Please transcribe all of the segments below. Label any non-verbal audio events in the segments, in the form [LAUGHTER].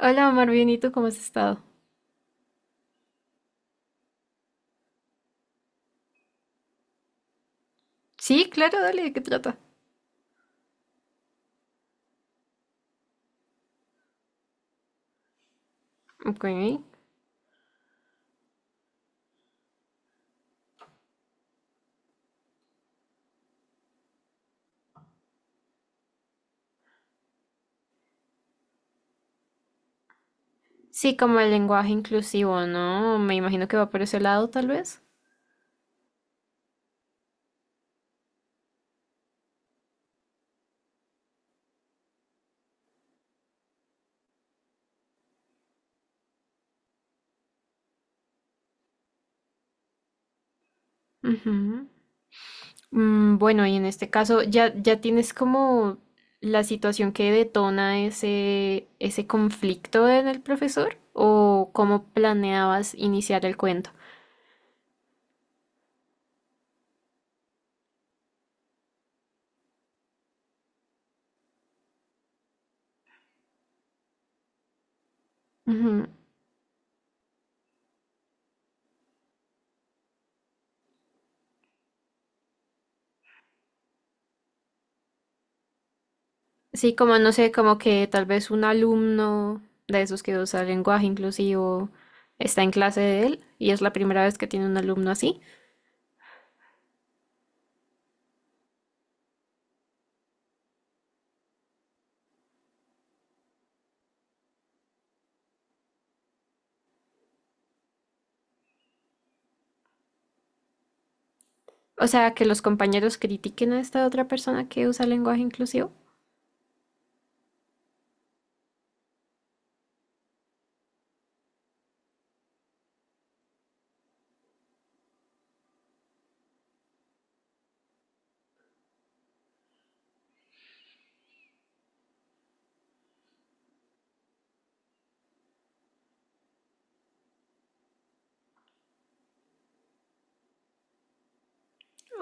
Hola, Omar, bien, ¿y tú cómo has estado? Sí, claro, dale, ¿de qué trata? Ok. Sí, como el lenguaje inclusivo, ¿no? Me imagino que va por ese lado, tal vez. Ujú. Bueno, y en este caso ya tienes como la situación que detona ese conflicto en el profesor, o cómo planeabas iniciar el cuento. Sí, como no sé, como que tal vez un alumno de esos que usa lenguaje inclusivo está en clase de él y es la primera vez que tiene un alumno así. O sea, que los compañeros critiquen a esta otra persona que usa lenguaje inclusivo.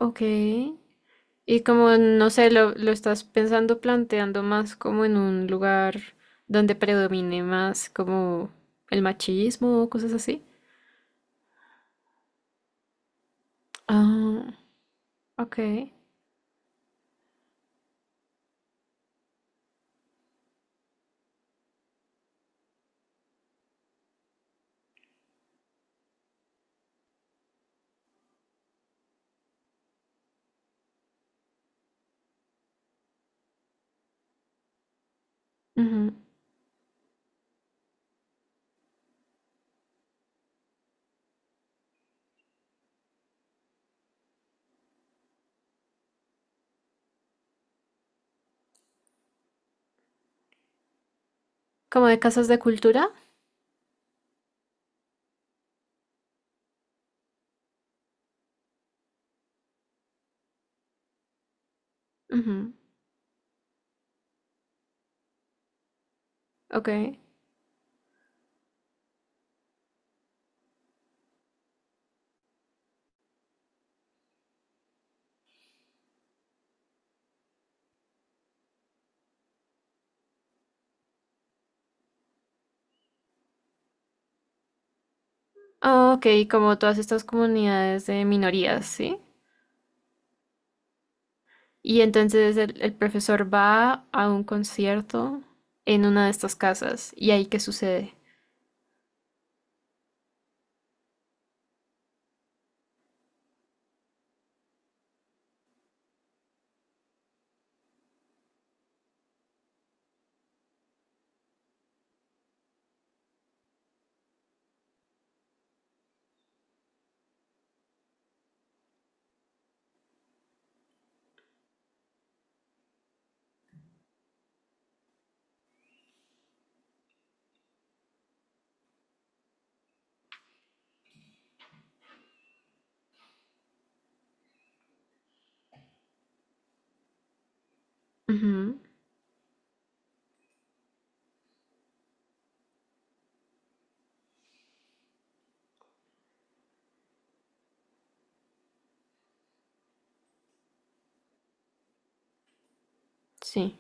Ok. Y como no sé, lo estás pensando planteando más como en un lugar donde predomine más como el machismo o cosas así. Ah, ok. Ujú. Como de casas de cultura. Ujú. Ok. Ah, ok, como todas estas comunidades de minorías, ¿sí? Y entonces el profesor va a un concierto en una de estas casas y ahí qué sucede. Ujú. Sí,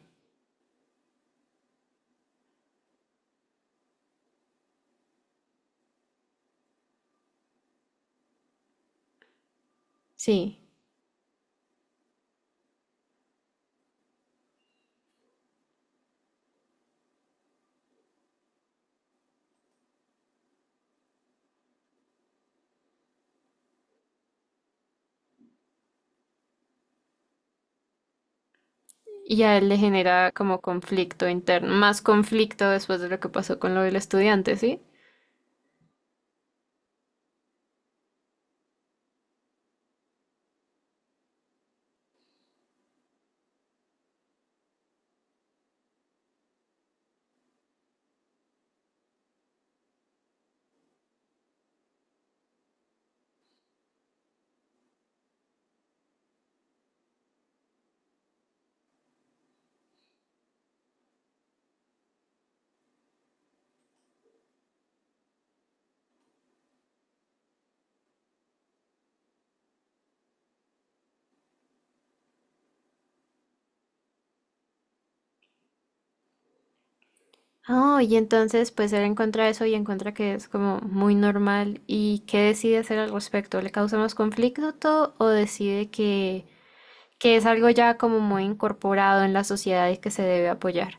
sí. Y a él le genera como conflicto interno, más conflicto después de lo que pasó con lo del estudiante, ¿sí? Oh, y entonces pues él encuentra eso y encuentra que es como muy normal y ¿qué decide hacer al respecto? ¿Le causa más conflicto o decide que es algo ya como muy incorporado en la sociedad y que se debe apoyar?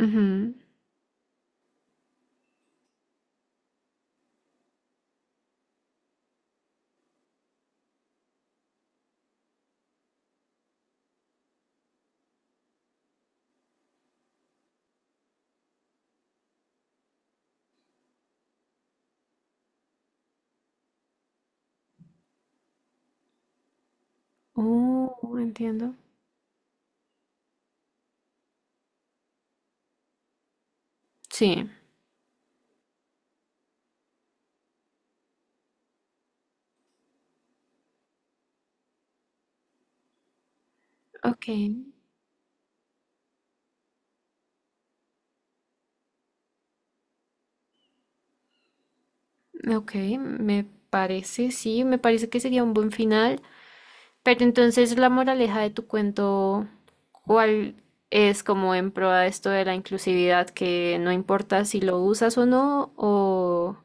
Ujú. Entiendo. Sí, ok, ok, me parece, sí, me parece que sería un buen final, pero entonces la moraleja de tu cuento, ¿cuál es? Como en pro de esto de la inclusividad, que no importa si lo usas o no,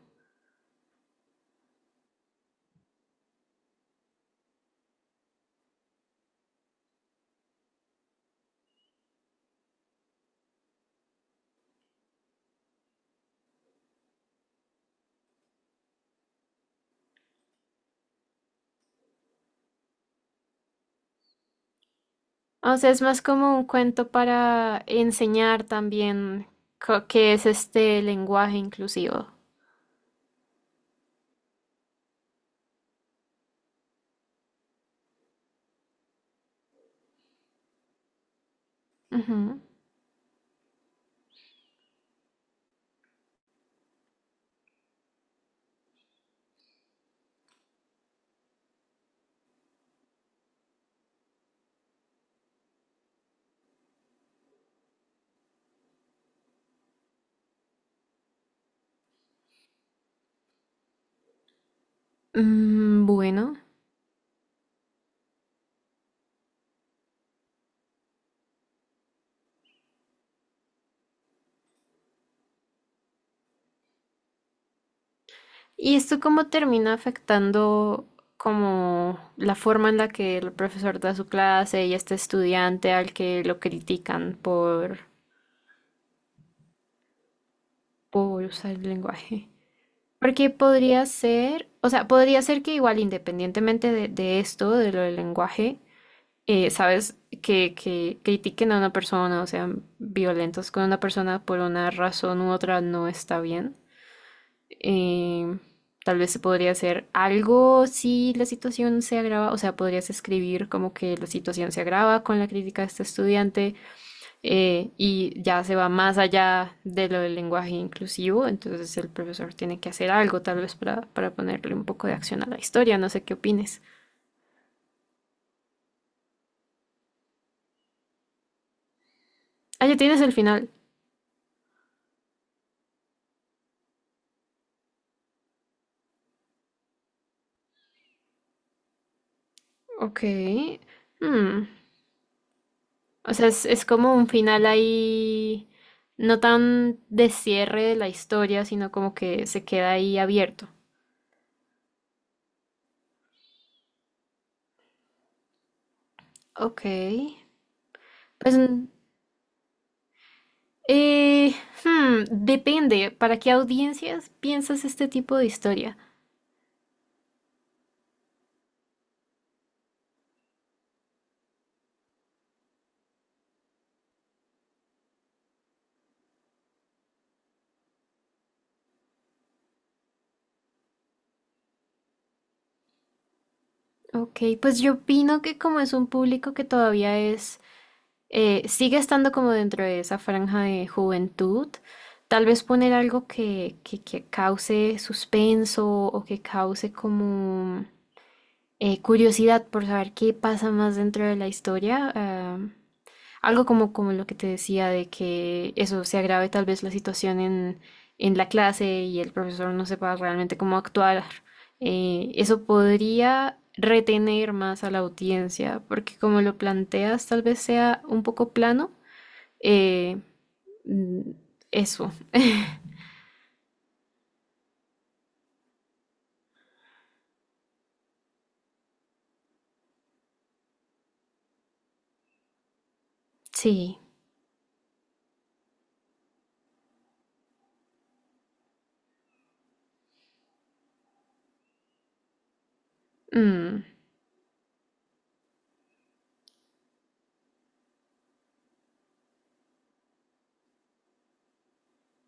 o sea, es más como un cuento para enseñar también ¿qué es este lenguaje inclusivo? Ujú. Bueno, ¿y esto cómo termina afectando como la forma en la que el profesor da su clase y este estudiante al que lo critican por usar el lenguaje? Porque podría ser, o sea, podría ser que igual independientemente de esto, de lo del lenguaje, sabes, que critiquen a una persona o sean violentos con una persona por una razón u otra no está bien. eh, Tal vez se podría hacer algo si la situación se agrava, o sea, podrías escribir como que la situación se agrava con la crítica de este estudiante. Y ya se va más allá de lo del lenguaje inclusivo, entonces el profesor tiene que hacer algo tal vez para ponerle un poco de acción a la historia, no sé qué opines. Ah, ya tienes el final. Ok. Hmm. O sea, es como un final ahí, no tan de cierre de la historia, sino como que se queda ahí abierto. Ok. Pues, eh, depende, ¿para qué audiencias piensas este tipo de historia? Ok, pues yo opino que como es un público que todavía sigue estando como dentro de esa franja de juventud, tal vez poner algo que cause suspenso o que cause como curiosidad por saber qué pasa más dentro de la historia. Algo como lo que te decía de que eso se agrave tal vez la situación en la clase y el profesor no sepa realmente cómo actuar. Eso podría retener más a la audiencia, porque como lo planteas, tal vez sea un poco plano. Eh, mm, eso, sí. Mm.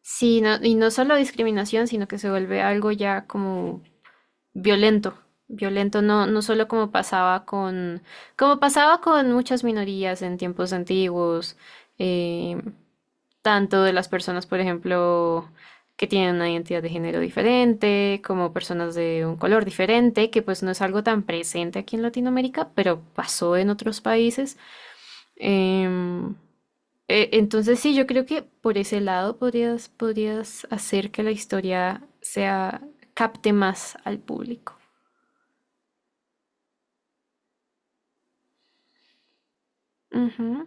Sí, no, y no solo discriminación, sino que se vuelve algo ya como violento, violento no, no solo como pasaba como pasaba con muchas minorías en tiempos antiguos, eh, tanto de las personas, por ejemplo, que tienen una identidad de género diferente, como personas de un color diferente, que pues no es algo tan presente aquí en Latinoamérica, pero pasó en otros países. Em, entonces sí, yo creo que por ese lado podrías, podrías hacer que la historia sea, capte más al público. Ujú.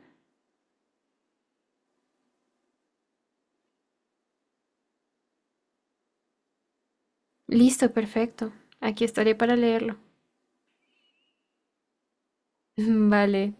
Listo, perfecto. Aquí estaré para leerlo. [LAUGHS] Vale.